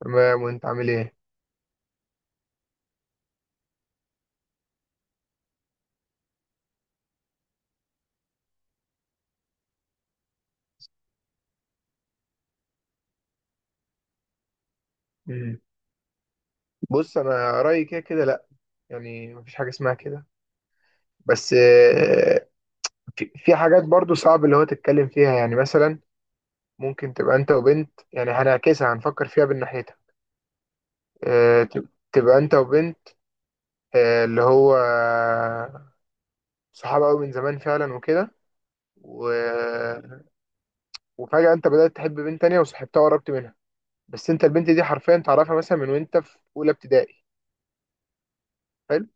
تمام، وانت عامل ايه؟ مم. بص انا رايي كده كده لا. يعني مفيش حاجه اسمها كده، بس في حاجات برضو صعب اللي هو تتكلم فيها. يعني مثلا ممكن تبقى انت وبنت، يعني هنعكسها هنفكر فيها من ناحيتها. تبقى انت وبنت، اللي هو صحاب قوي من زمان فعلا وكده. و... وفجاه انت بدات تحب بنت تانية وصاحبتها وقربت منها، بس انت البنت دي حرفيا تعرفها مثلا من وانت في اولى ابتدائي. حلو.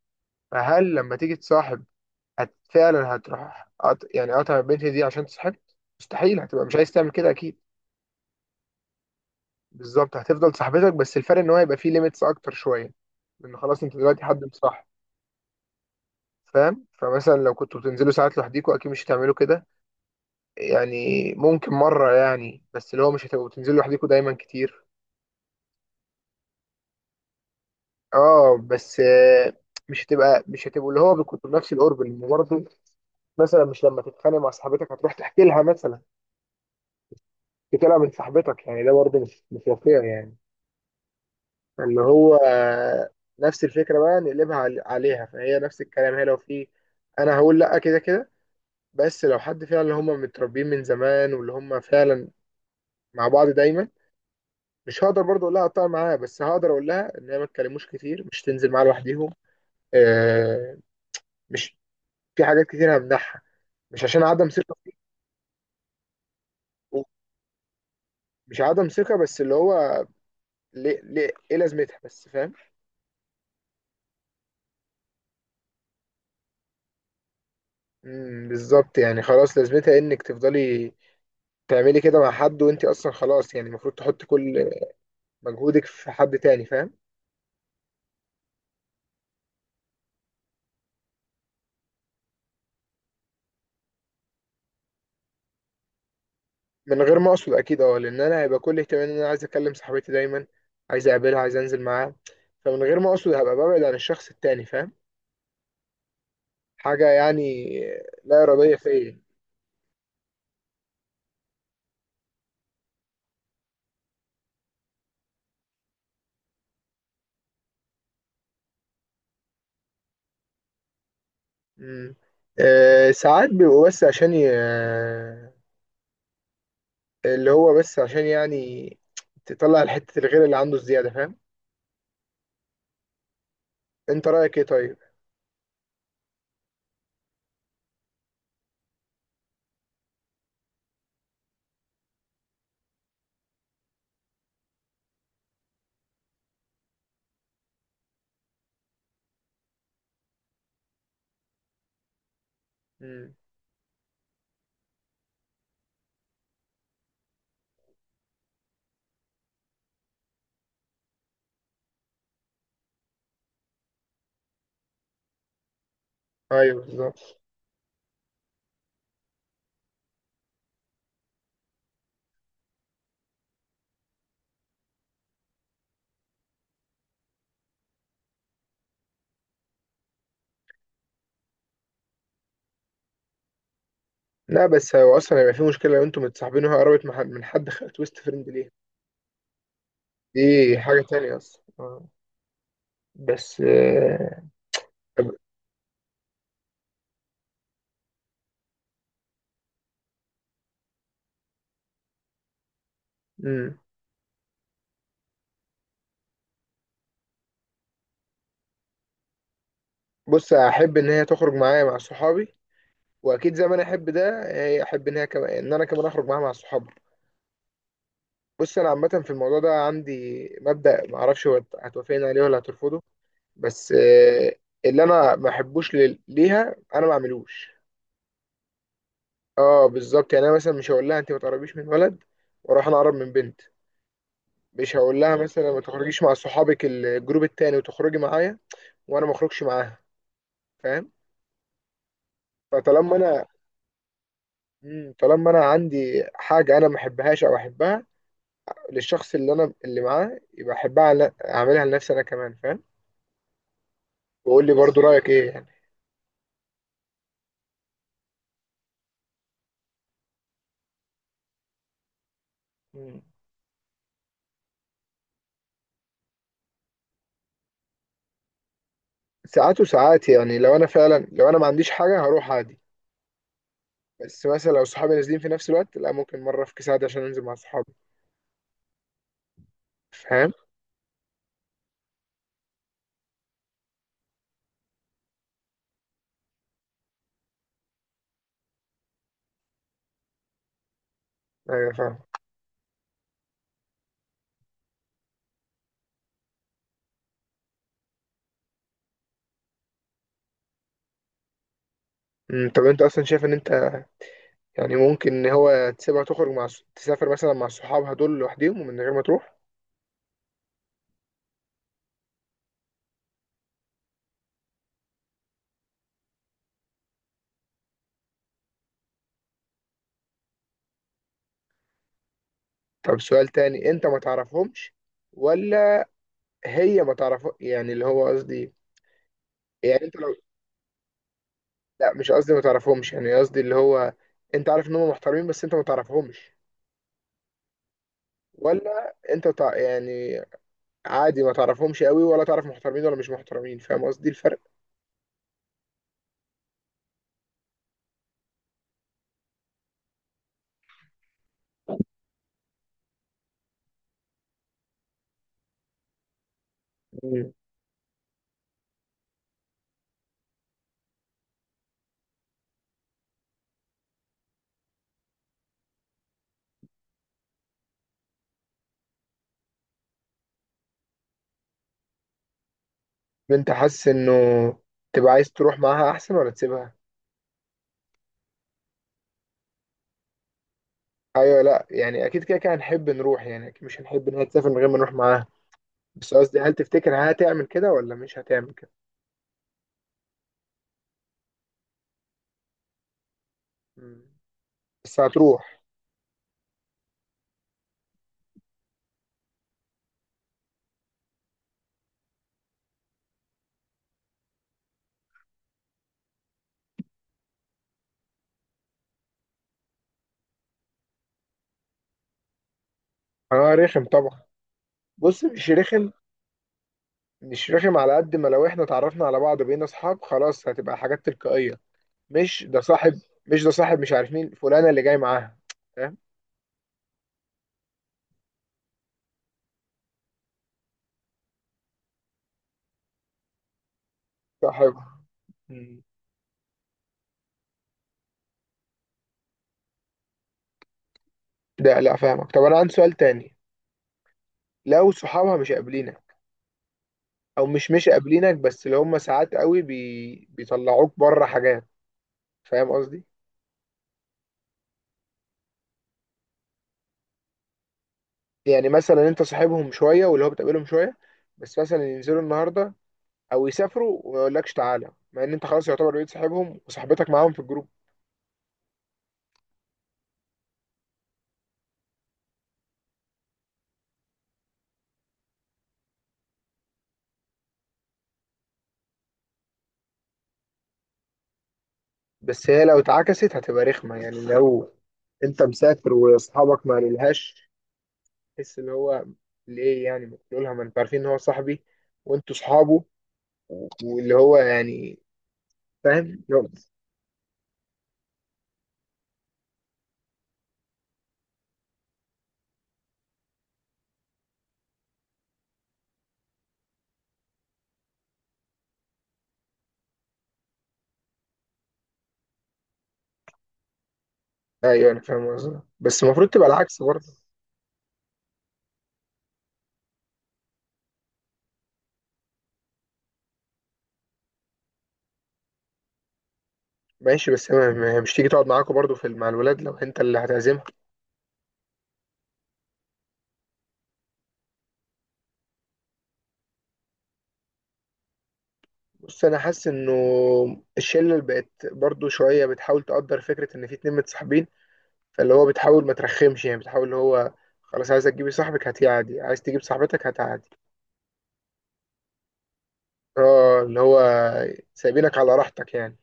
فهل لما تيجي تصاحب فعلا هتروح يعني قطع البنت دي عشان صاحبت؟ مستحيل، هتبقى مش عايز تعمل كده اكيد. بالظبط، هتفضل صاحبتك بس الفرق ان هو هيبقى فيه ليميتس اكتر شويه، لان خلاص انت دلوقتي حد مصاحب. فاهم؟ فمثلا لو كنتوا بتنزلوا ساعات لوحديكوا اكيد مش هتعملوا كده. يعني ممكن مره يعني، بس اللي هو مش هتبقوا بتنزلوا لوحديكوا دايما كتير. اه بس مش هتبقوا اللي هو كنتوا بنفس القرب، لان برضه مثلا مش لما تتخانق مع صاحبتك هتروح تحكي لها مثلا؟ تحكي لها من صاحبتك، يعني ده برضه مش واقعي يعني. ان هو نفس الفكره بقى نقلبها عليها، فهي نفس الكلام. هي لو في، انا هقول لا كده كده. بس لو حد فعلا اللي هم متربيين من زمان واللي هم فعلا مع بعض دايما، مش هقدر برضه اقول لها اقطع معاها، بس هقدر اقول لها ان هي ما تكلموش كتير، مش تنزل معاها لوحديهم. آه مش، في حاجات كتير همنعها، مش عشان عدم ثقه فيك. مش عدم ثقه، بس اللي هو ليه ليه ايه لازمتها، بس فاهم. بالظبط، يعني خلاص لازمتها انك تفضلي تعملي كده مع حد وانت اصلا خلاص؟ يعني المفروض تحط كل مجهودك في حد تاني. فاهم؟ من غير ما اقصد اكيد اه، لان انا هيبقى كل اهتمامي ان انا عايز اكلم صاحبتي دايما، عايز اقابلها، عايز انزل معاها. فمن غير ما اقصد هبقى ببعد عن الشخص التاني. فاهم؟ حاجة يعني لا إرادية فيا. مم. أه، ساعات بيبقوا بس عشان ي... آه، اللي هو بس عشان يعني تطلع الحتة الغير اللي عنده الزيادة. فاهم؟ انت رأيك ايه طيب؟ مم. ايوه بالظبط. لا، بس هو اصلا هيبقى في مشكله لو انتوا متصاحبين وهي قربت من حد تويست فريند ليه. دي حاجه تانية اصلا. بس طب- مم. بص، احب ان هي تخرج معايا مع صحابي، واكيد زي ما انا احب ده هي احب ان هي كمان، ان انا كمان اخرج معاها مع صحابي. بص انا عامه في الموضوع ده عندي مبدا، ما اعرفش هو هتوافقني عليه ولا هترفضه، بس اللي انا ما احبوش ليها انا ما اعملوش. اه بالظبط، يعني انا مثلا مش هقول لها انت ما تقربيش من ولد واروح انا اقرب من بنت. مش هقول لها مثلا ما تخرجيش مع صحابك الجروب التاني وتخرجي معايا وانا ما اخرجش معاها. فاهم؟ فطالما انا، طالما انا عندي حاجه انا ما احبهاش او احبها للشخص اللي انا اللي معاه، يبقى احبها اعملها لنفسي انا كمان. فاهم؟ وقول لي برضو رايك ايه يعني. مم. ساعات وساعات، يعني لو انا ما عنديش حاجه هروح عادي، بس مثلا لو صحابي نازلين في نفس الوقت لا، ممكن مره افكس عادي عشان انزل مع صحابي. فاهم؟ ايوه فاهم. طب انت اصلا شايف ان انت، يعني ممكن ان هو تسيبها تخرج مع تسافر مثلا مع صحابها دول لوحدهم ومن غير ما تروح؟ طب سؤال تاني، انت ما تعرفهمش ولا هي ما تعرف؟ يعني اللي هو قصدي، يعني انت لو، لا مش قصدي ما تعرفهمش. يعني قصدي اللي هو، انت عارف ان هم محترمين بس انت ما تعرفهمش، ولا انت يعني عادي ما تعرفهمش قوي ولا تعرف محترمين ولا مش محترمين؟ فاهم قصدي الفرق؟ مم. انت حاسس انه تبقى عايز تروح معاها احسن ولا تسيبها؟ ايوه لا، يعني اكيد كده كده هنحب نروح، يعني اكيد مش هنحب ان هي تسافر من غير ما نروح معاها، بس قصدي هل تفتكر هتعمل كده ولا مش هتعمل كده؟ مم. بس هتروح. اه رخم طبعا. بص مش رخم، مش رخم على قد ما لو احنا اتعرفنا على بعض بقينا اصحاب خلاص، هتبقى حاجات تلقائية. مش ده صاحب، مش ده صاحب مش عارف مين فلانة اللي جاي معاها. فاهم؟ صاحب. مم. لا لا، فاهمك. طب انا عندي سؤال تاني، لو صحابها مش قابلينك او مش قابلينك، بس اللي هم ساعات قوي بيطلعوك بره حاجات، فاهم قصدي؟ يعني مثلا انت صاحبهم شويه واللي هو بتقابلهم شويه، بس مثلا ينزلوا النهارده او يسافروا وما يقولكش تعالى، مع ان انت خلاص يعتبر بقيت صاحبهم وصاحبتك معاهم في الجروب. بس هي لو اتعكست هتبقى رخمه، يعني لو انت مسافر واصحابك ما قالولهاش، تحس اللي هو ليه يعني؟ ما تقولها ما انتوا عارفين ان هو صاحبي وانتوا صحابه واللي هو يعني. فاهم؟ ايوه انا فاهم قصدي، بس المفروض تبقى العكس برضه. ماشي، بس هي مش تيجي تقعد معاكوا برضه في مع الولاد لو انت اللي هتعزمها؟ بص انا حاسس انه الشله اللي بقت برضو شويه بتحاول تقدر فكره ان في اتنين متصاحبين، فاللي هو بتحاول ما ترخمش، يعني بتحاول اللي هو خلاص عايز تجيبي صاحبك هات عادي، عايز تجيب صاحبتك هات عادي. اه اللي هو سايبينك على راحتك يعني.